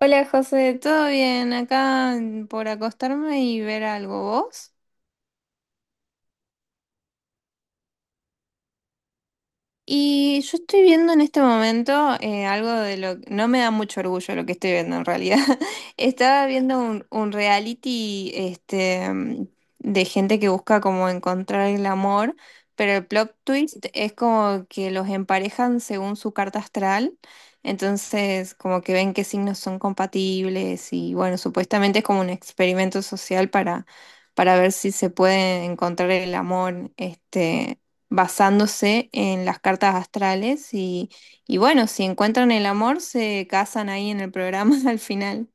Hola José, ¿todo bien? Acá por acostarme y ver algo, ¿vos? Y yo estoy viendo en este momento algo de lo no me da mucho orgullo lo que estoy viendo en realidad. Estaba viendo un reality este. De gente que busca como encontrar el amor, pero el plot twist es como que los emparejan según su carta astral. Entonces, como que ven qué signos son compatibles y bueno, supuestamente es como un experimento social para ver si se puede encontrar el amor. Este, basándose en las cartas astrales, y bueno, si encuentran el amor, se casan ahí en el programa al final.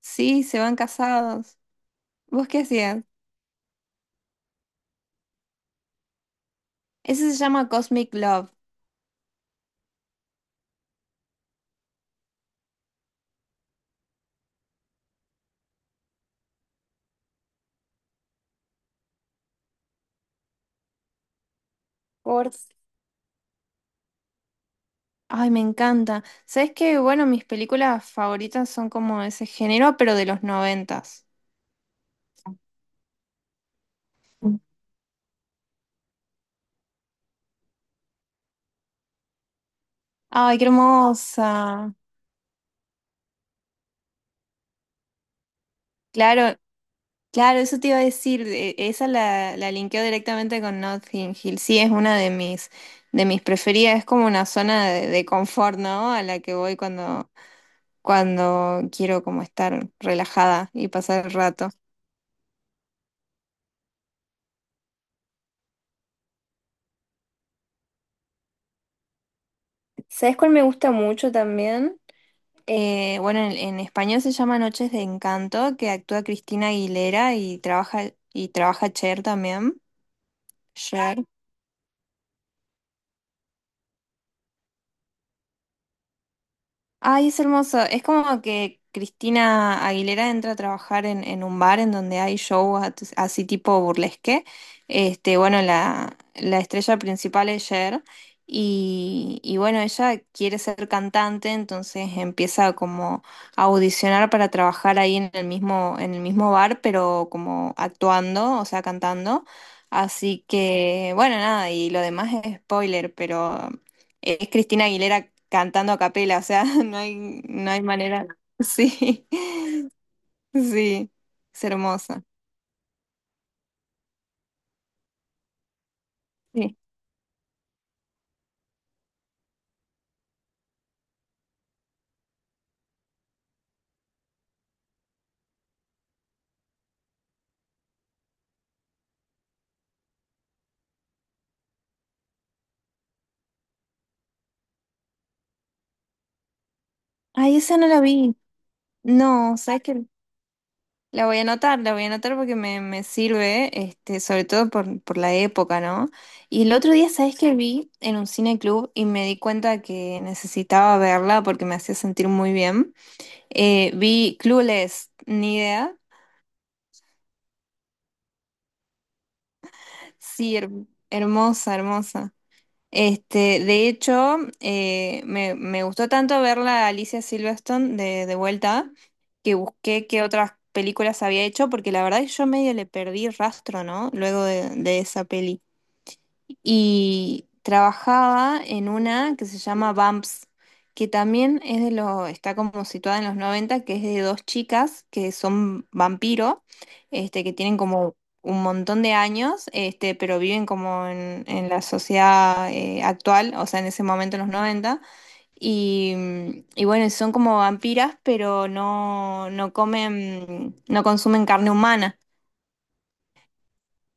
Sí, se van casados. ¿Vos qué hacías? Ese se llama Cosmic Love. Por... Ay, me encanta. ¿Sabes qué? Bueno, mis películas favoritas son como de ese género, pero de los noventas. Ay, qué hermosa. Claro. Claro, eso te iba a decir, esa la linkeo directamente con Notting Hill. Sí, es una de de mis preferidas, es como una zona de confort, ¿no? A la que voy cuando quiero como estar relajada y pasar el rato. ¿Sabes cuál me gusta mucho también? Bueno, en español se llama Noches de Encanto, que actúa Cristina Aguilera y y trabaja Cher también. Cher. Ay, es hermoso. Es como que Cristina Aguilera entra a trabajar en un bar en donde hay shows así tipo burlesque. Este, bueno, la estrella principal es Cher y bueno, ella quiere ser cantante, entonces empieza como a audicionar para trabajar ahí en el en el mismo bar, pero como actuando, o sea, cantando. Así que, bueno, nada, y lo demás es spoiler, pero es Cristina Aguilera cantando a capela, o sea, no hay manera. Sí, sí, es hermosa. Sí. Ay, esa no la vi. No, ¿sabes qué? La voy a anotar, la voy a anotar porque me sirve, este, sobre todo por la época, ¿no? Y el otro día, ¿sabes qué vi en un cine club y me di cuenta que necesitaba verla porque me hacía sentir muy bien? Vi Clueless, ni idea. Sí, hermosa, hermosa. Este, de hecho, me gustó tanto ver la Alicia Silverstone de vuelta que busqué qué otras películas había hecho, porque la verdad es que yo medio le perdí rastro, ¿no? Luego de esa peli y trabajaba en una que se llama Bumps, que también es está como situada en los noventa, que es de dos chicas que son vampiro, este, que tienen como un montón de años, este, pero viven como en la sociedad actual, o sea, en ese momento en los noventa. Y, y bueno, son como vampiras, pero no comen, no consumen carne humana.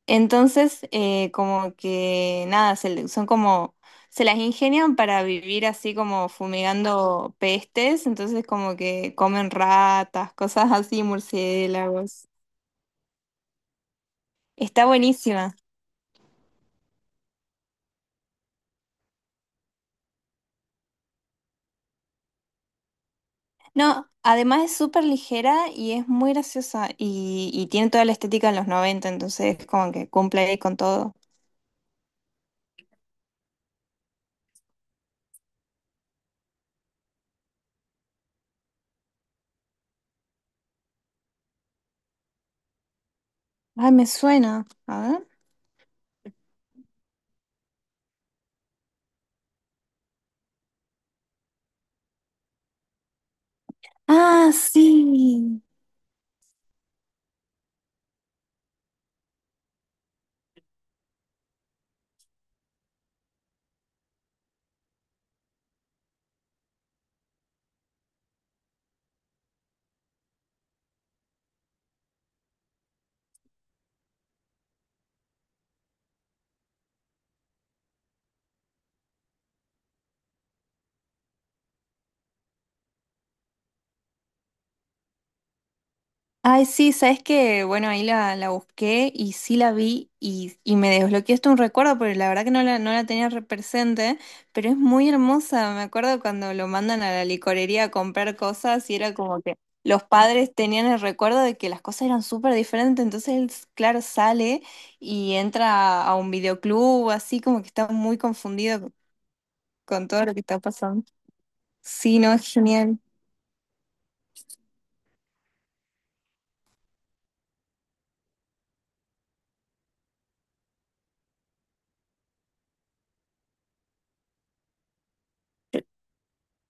Entonces, como que nada, son como, se las ingenian para vivir así como fumigando pestes, entonces como que comen ratas, cosas así, murciélagos. Está buenísima. No, además es súper ligera y es muy graciosa y tiene toda la estética de los 90, entonces como que cumple ahí con todo. Ay, me suena. A ver. Ah, sí. Ay, sí, sabes que, bueno, ahí la busqué y sí la vi y me desbloqueaste un recuerdo, porque la verdad que no no la tenía re presente, pero es muy hermosa. Me acuerdo cuando lo mandan a la licorería a comprar cosas y era como que los padres tenían el recuerdo de que las cosas eran súper diferentes, entonces él, claro, sale y entra a un videoclub, así como que está muy confundido con todo lo que está pasando. Sí, no, es genial.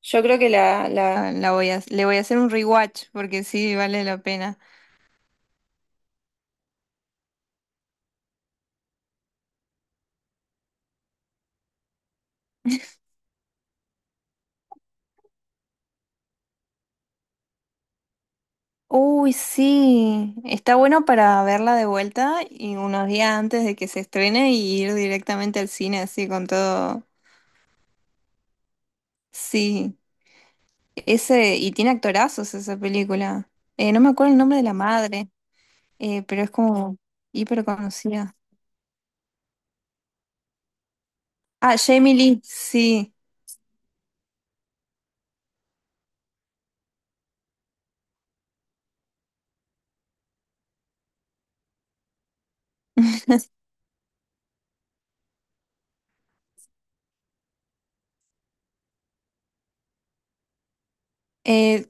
Yo creo que la voy a, le voy a hacer un rewatch porque sí, vale la pena. Uy, sí, está bueno para verla de vuelta y unos días antes de que se estrene y ir directamente al cine así con todo. Sí, ese, y tiene actorazos esa película. No me acuerdo el nombre de la madre, pero es como hiper conocida. Ah, Jamie Lee, sí. Eh,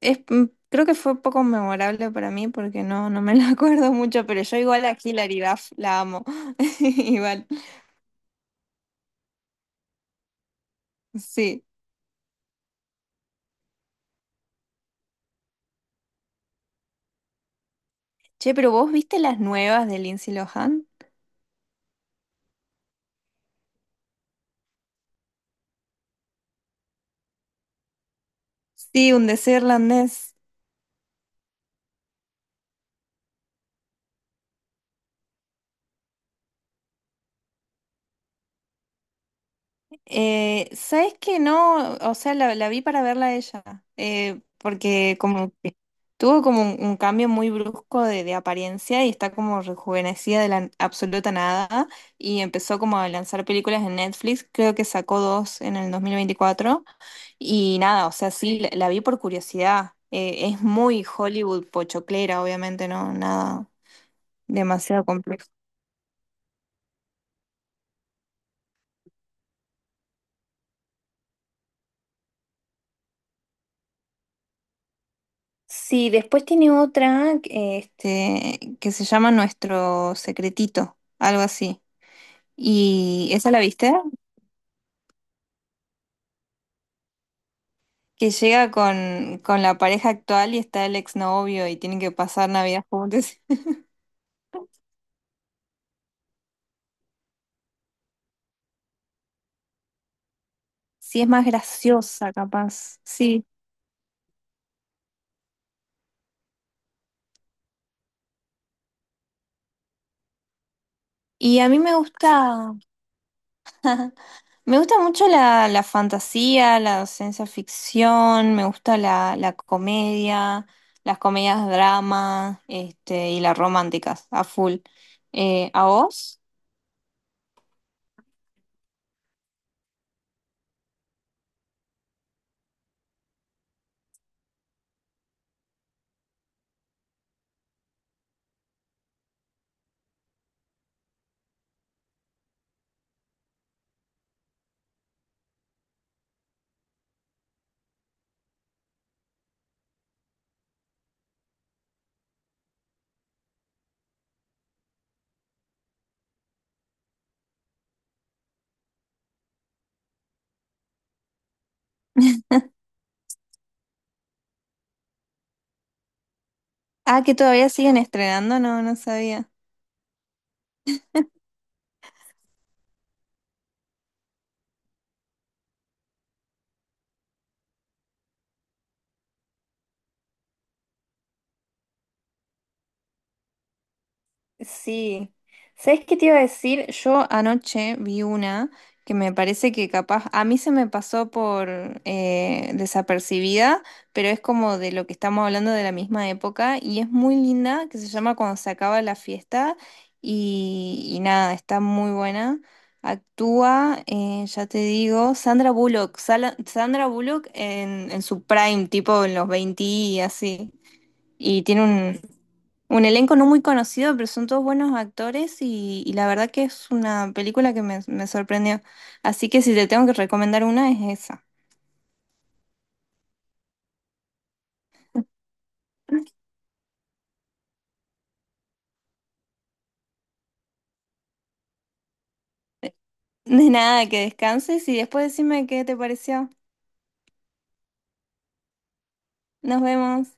es, mm, creo que fue poco memorable para mí porque no, no me la acuerdo mucho, pero yo igual a Hilary Duff la amo. Igual, sí. Che, pero ¿vos viste las nuevas de Lindsay Lohan? Sí, un deseo irlandés. ¿Sabes que no? O sea, la vi para verla a ella, porque como que tuvo como un cambio muy brusco de apariencia y está como rejuvenecida de la absoluta nada y empezó como a lanzar películas en Netflix, creo que sacó dos en el 2024 y nada, o sea, sí, la vi por curiosidad. Es muy Hollywood pochoclera, obviamente, no, nada demasiado complejo. Sí, después tiene otra que, este, que se llama Nuestro Secretito, algo así. ¿Y esa la viste? Que llega con la pareja actual y está el exnovio y tienen que pasar Navidad juntos. Sí, es más graciosa, capaz. Sí. Y a mí me gusta mucho la fantasía, la ciencia ficción, me gusta la comedia, las comedias drama, este, y las románticas, a full. ¿A vos? Ah, que todavía siguen estrenando, no, no sabía. Sí. ¿Sabes qué te iba a decir? Yo anoche vi una que me parece que capaz, a mí se me pasó por desapercibida, pero es como de lo que estamos hablando de la misma época y es muy linda, que se llama Cuando se acaba la fiesta y nada, está muy buena. Actúa, ya te digo, Sandra Bullock en su prime, tipo en los 20 y así. Y tiene un elenco no muy conocido, pero son todos buenos actores y la verdad que es una película que me sorprendió. Así que si te tengo que recomendar una es esa. De nada, que descanses y después decime qué te pareció. Nos vemos.